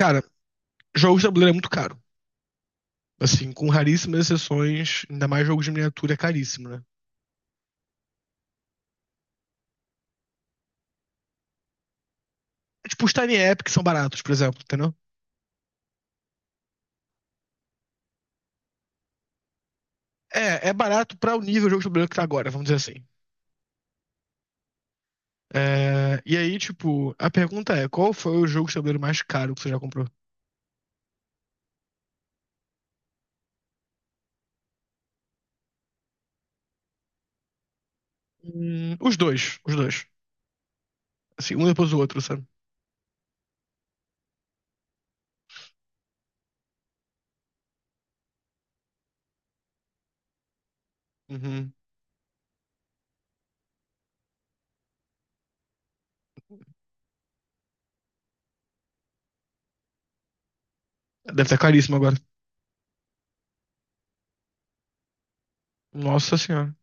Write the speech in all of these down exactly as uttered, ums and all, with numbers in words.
Cara, jogos de tabuleiro é muito caro. Assim, com raríssimas exceções, ainda mais jogos de miniatura é caríssimo, né? É Tipo, os Tiny App que são baratos, por exemplo, entendeu? É, é barato pra o nível de jogo de tabuleiro que tá agora, vamos dizer assim. É, e aí, tipo, a pergunta é: qual foi o jogo de tabuleiro mais caro que você já comprou? Hum, os dois, os dois. Assim, um depois do outro, sabe? Uhum. Deve estar caríssimo agora. Nossa senhora.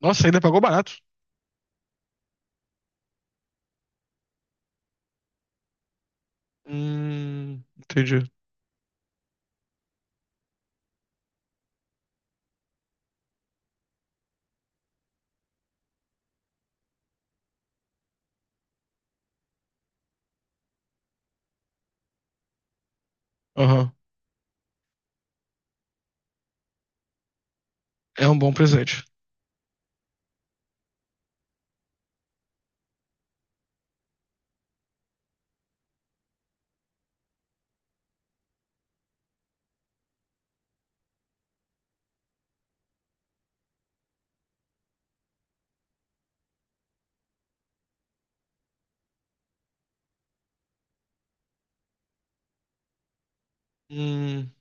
Nossa, ainda pagou barato. Hum, entendi. Aham. É um bom presente. Hum,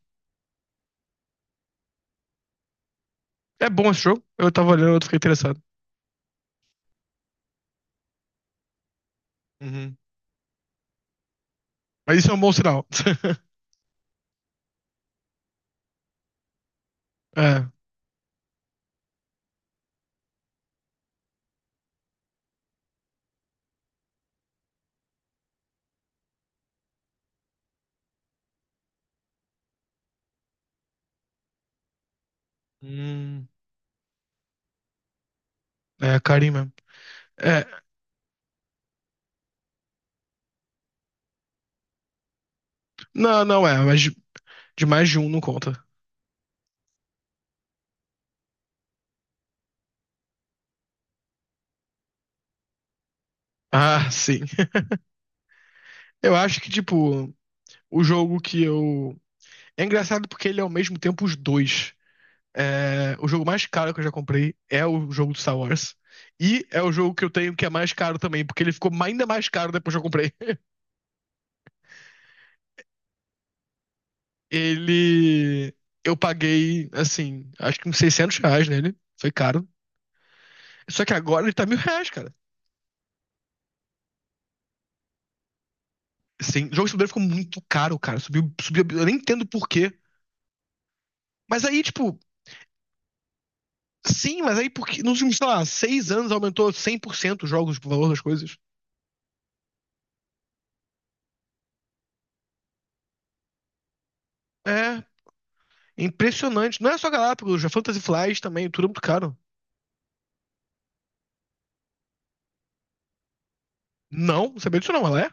é bom esse jogo. Eu tava olhando, eu fiquei interessado. Uhum. Mas isso é um bom sinal. É, Hum. É, carinho mesmo. É, não, não é, mas de de mais de um não conta. Ah, sim. Eu acho que, tipo, o jogo que eu. É engraçado porque ele é ao mesmo tempo os dois. É, o jogo mais caro que eu já comprei é o jogo do Star Wars. E é o jogo que eu tenho que é mais caro também, porque ele ficou ma- ainda mais caro depois que eu comprei. Ele. Eu paguei, assim, acho que uns seiscentos reais nele. Foi caro. Só que agora ele tá mil reais, cara. Sim, o jogo de tabuleiro ficou muito caro, cara. Subiu, subiu, eu nem entendo por quê. Mas aí, tipo, sim, mas aí porque nos últimos, sei lá, seis anos aumentou cem por cento os jogos, tipo, o valor das coisas. É, impressionante. Não é só Galápagos, a Fantasy Flight também, tudo é muito caro. Não, não sabia disso não, ela é?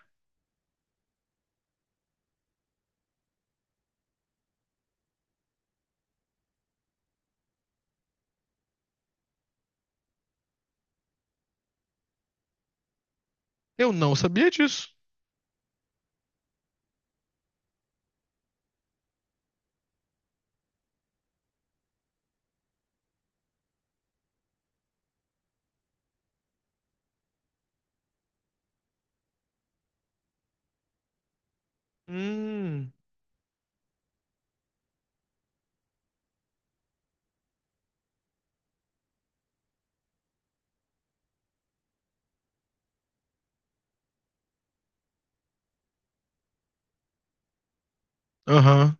Eu não sabia disso. Hum, aham.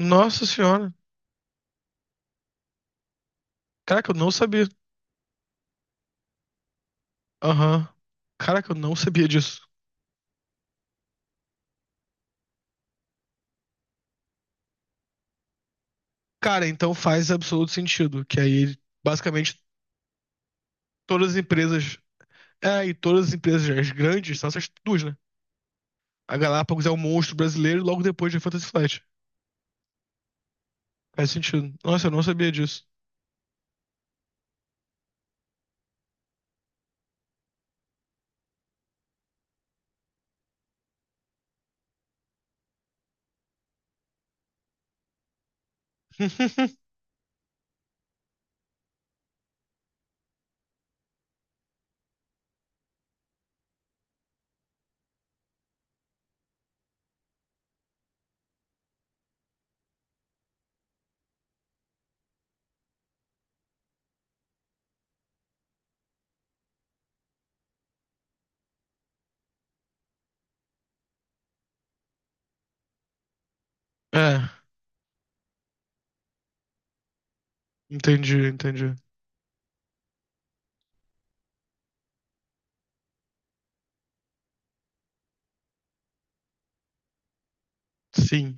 Nossa senhora. Caraca, eu não sabia. Aham. Caraca, eu não sabia disso. Cara, então faz absoluto sentido, que aí basicamente todas as empresas. É, e todas as empresas as grandes são essas duas, né? A Galápagos é o monstro brasileiro logo depois de Fantasy Flight. Faz sentido. Nossa, eu não sabia disso. É, entendi, entendi. Sim.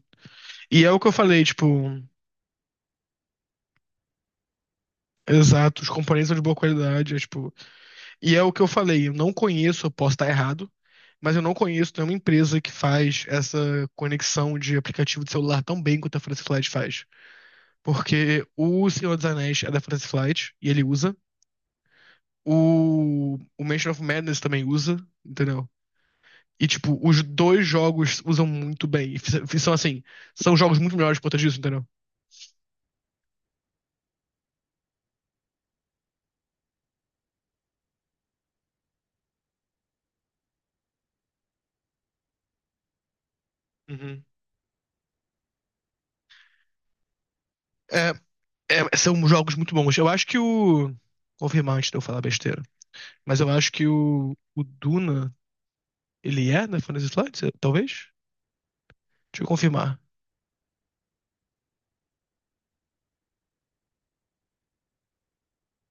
E é o que eu falei, tipo, exato, os componentes são de boa qualidade, é, tipo, e é o que eu falei, eu não conheço, eu posso estar errado, mas eu não conheço nenhuma empresa que faz essa conexão de aplicativo de celular tão bem quanto a Fantasy Flight faz. Porque o Senhor dos Anéis é da Fantasy Flight e ele usa. O, o Mansion of Madness também usa, entendeu? E, tipo, os dois jogos usam muito bem. E fiz- fiz- são, assim, são jogos muito melhores por conta disso, entendeu? Uhum. É, é, são jogos muito bons. Eu acho que o. Confirmar antes de eu falar besteira. Mas eu acho que o, o Duna. Ele é na Fantasy Flight, eh, talvez? Deixa eu confirmar.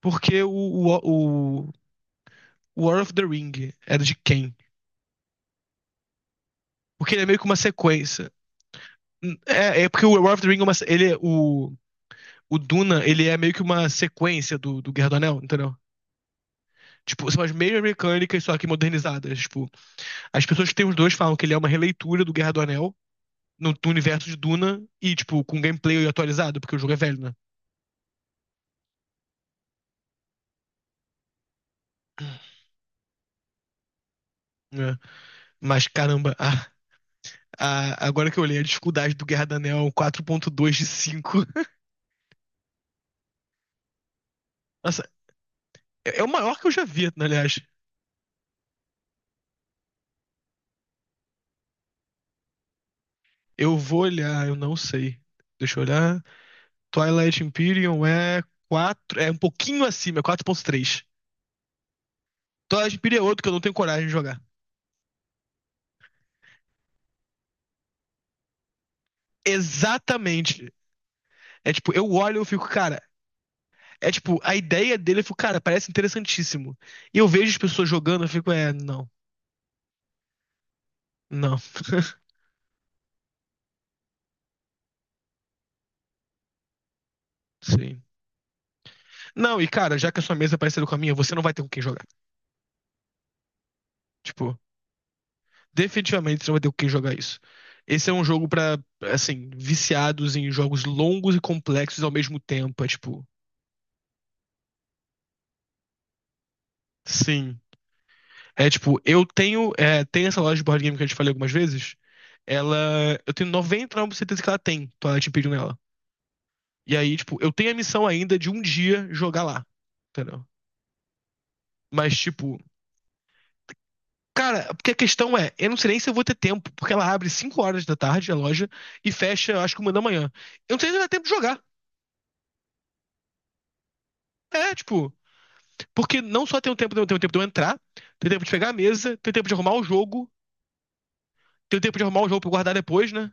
Porque o, o, o o War of the Ring era de quem? Porque ele é meio que uma sequência. Hum, É, é porque o War of the Ring, é uma, se- ele, é- o, o Duna, ele é meio que uma sequência do, do Guerra do Anel, entendeu? Tipo, são as mesmas mecânicas, só que modernizadas. Tipo, as pessoas que têm os dois falam que ele é uma releitura do Guerra do Anel no, no universo de Duna e, tipo, com gameplay atualizado, porque o jogo é velho, né? É. Mas, caramba, ah, A- agora que eu olhei a dificuldade do Guerra do Anel, é um quatro ponto dois de cinco Nossa, é é o maior que eu já vi, aliás. Eu vou olhar, eu não sei. Deixa eu olhar. Twilight Imperium é quatro, é um pouquinho acima, é quatro ponto três. Twilight Imperium é outro que eu não tenho coragem de jogar. Exatamente. É tipo, eu olho e eu fico, cara, é tipo, a ideia dele, eu fico, cara, parece interessantíssimo. E eu vejo as pessoas jogando, eu fico, é, não, não, sim. Não, e cara, já que a sua mesa é parecida com a minha, você não vai ter com quem jogar. Tipo, definitivamente você não vai ter com quem jogar isso. Esse é um jogo pra, assim, viciados em jogos longos e complexos ao mesmo tempo. É tipo. Sim. É tipo, eu tenho. É, tem essa loja de board game que eu te falei algumas vezes. Ela. Eu tenho noventa e nove por cento de certeza que ela tem Twilight Imperium nela. E aí, tipo, eu tenho a missão ainda de um dia jogar lá. Entendeu? Mas, tipo. Cara, porque a questão é, eu não sei nem se eu vou ter tempo, porque ela abre cinco horas da tarde a loja e fecha, eu acho que uma da manhã. Eu não sei se vai ter tempo de jogar. É, tipo, porque não só tem o tempo, tem o tempo, tem o tempo de eu entrar, tem o tempo de pegar a mesa, tem o tempo de arrumar o jogo, tem o tempo de arrumar o jogo pra eu guardar depois, né?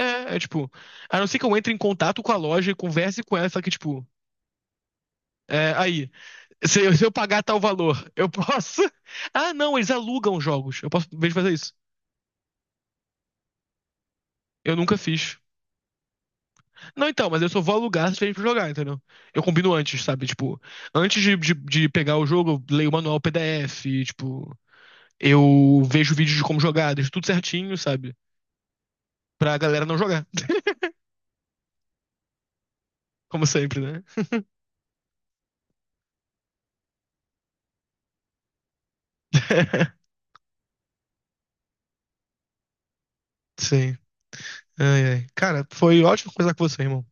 É, é tipo, a não ser que eu entre em contato com a loja e converse com ela, só que, tipo, é, aí, se eu, se eu pagar tal valor, eu posso. Ah, não, eles alugam jogos. Eu posso, em vez de fazer isso. Eu nunca fiz. Não, então, mas eu só vou alugar se tiver pra jogar, entendeu? Eu combino antes, sabe? Tipo, antes de, de, de pegar o jogo, eu leio o manual P D F, tipo, eu vejo vídeos de como jogar, deixo tudo certinho, sabe? Pra galera não jogar, como sempre, né? Sim. Ai, ai. Cara, foi ótimo conversar com você, irmão.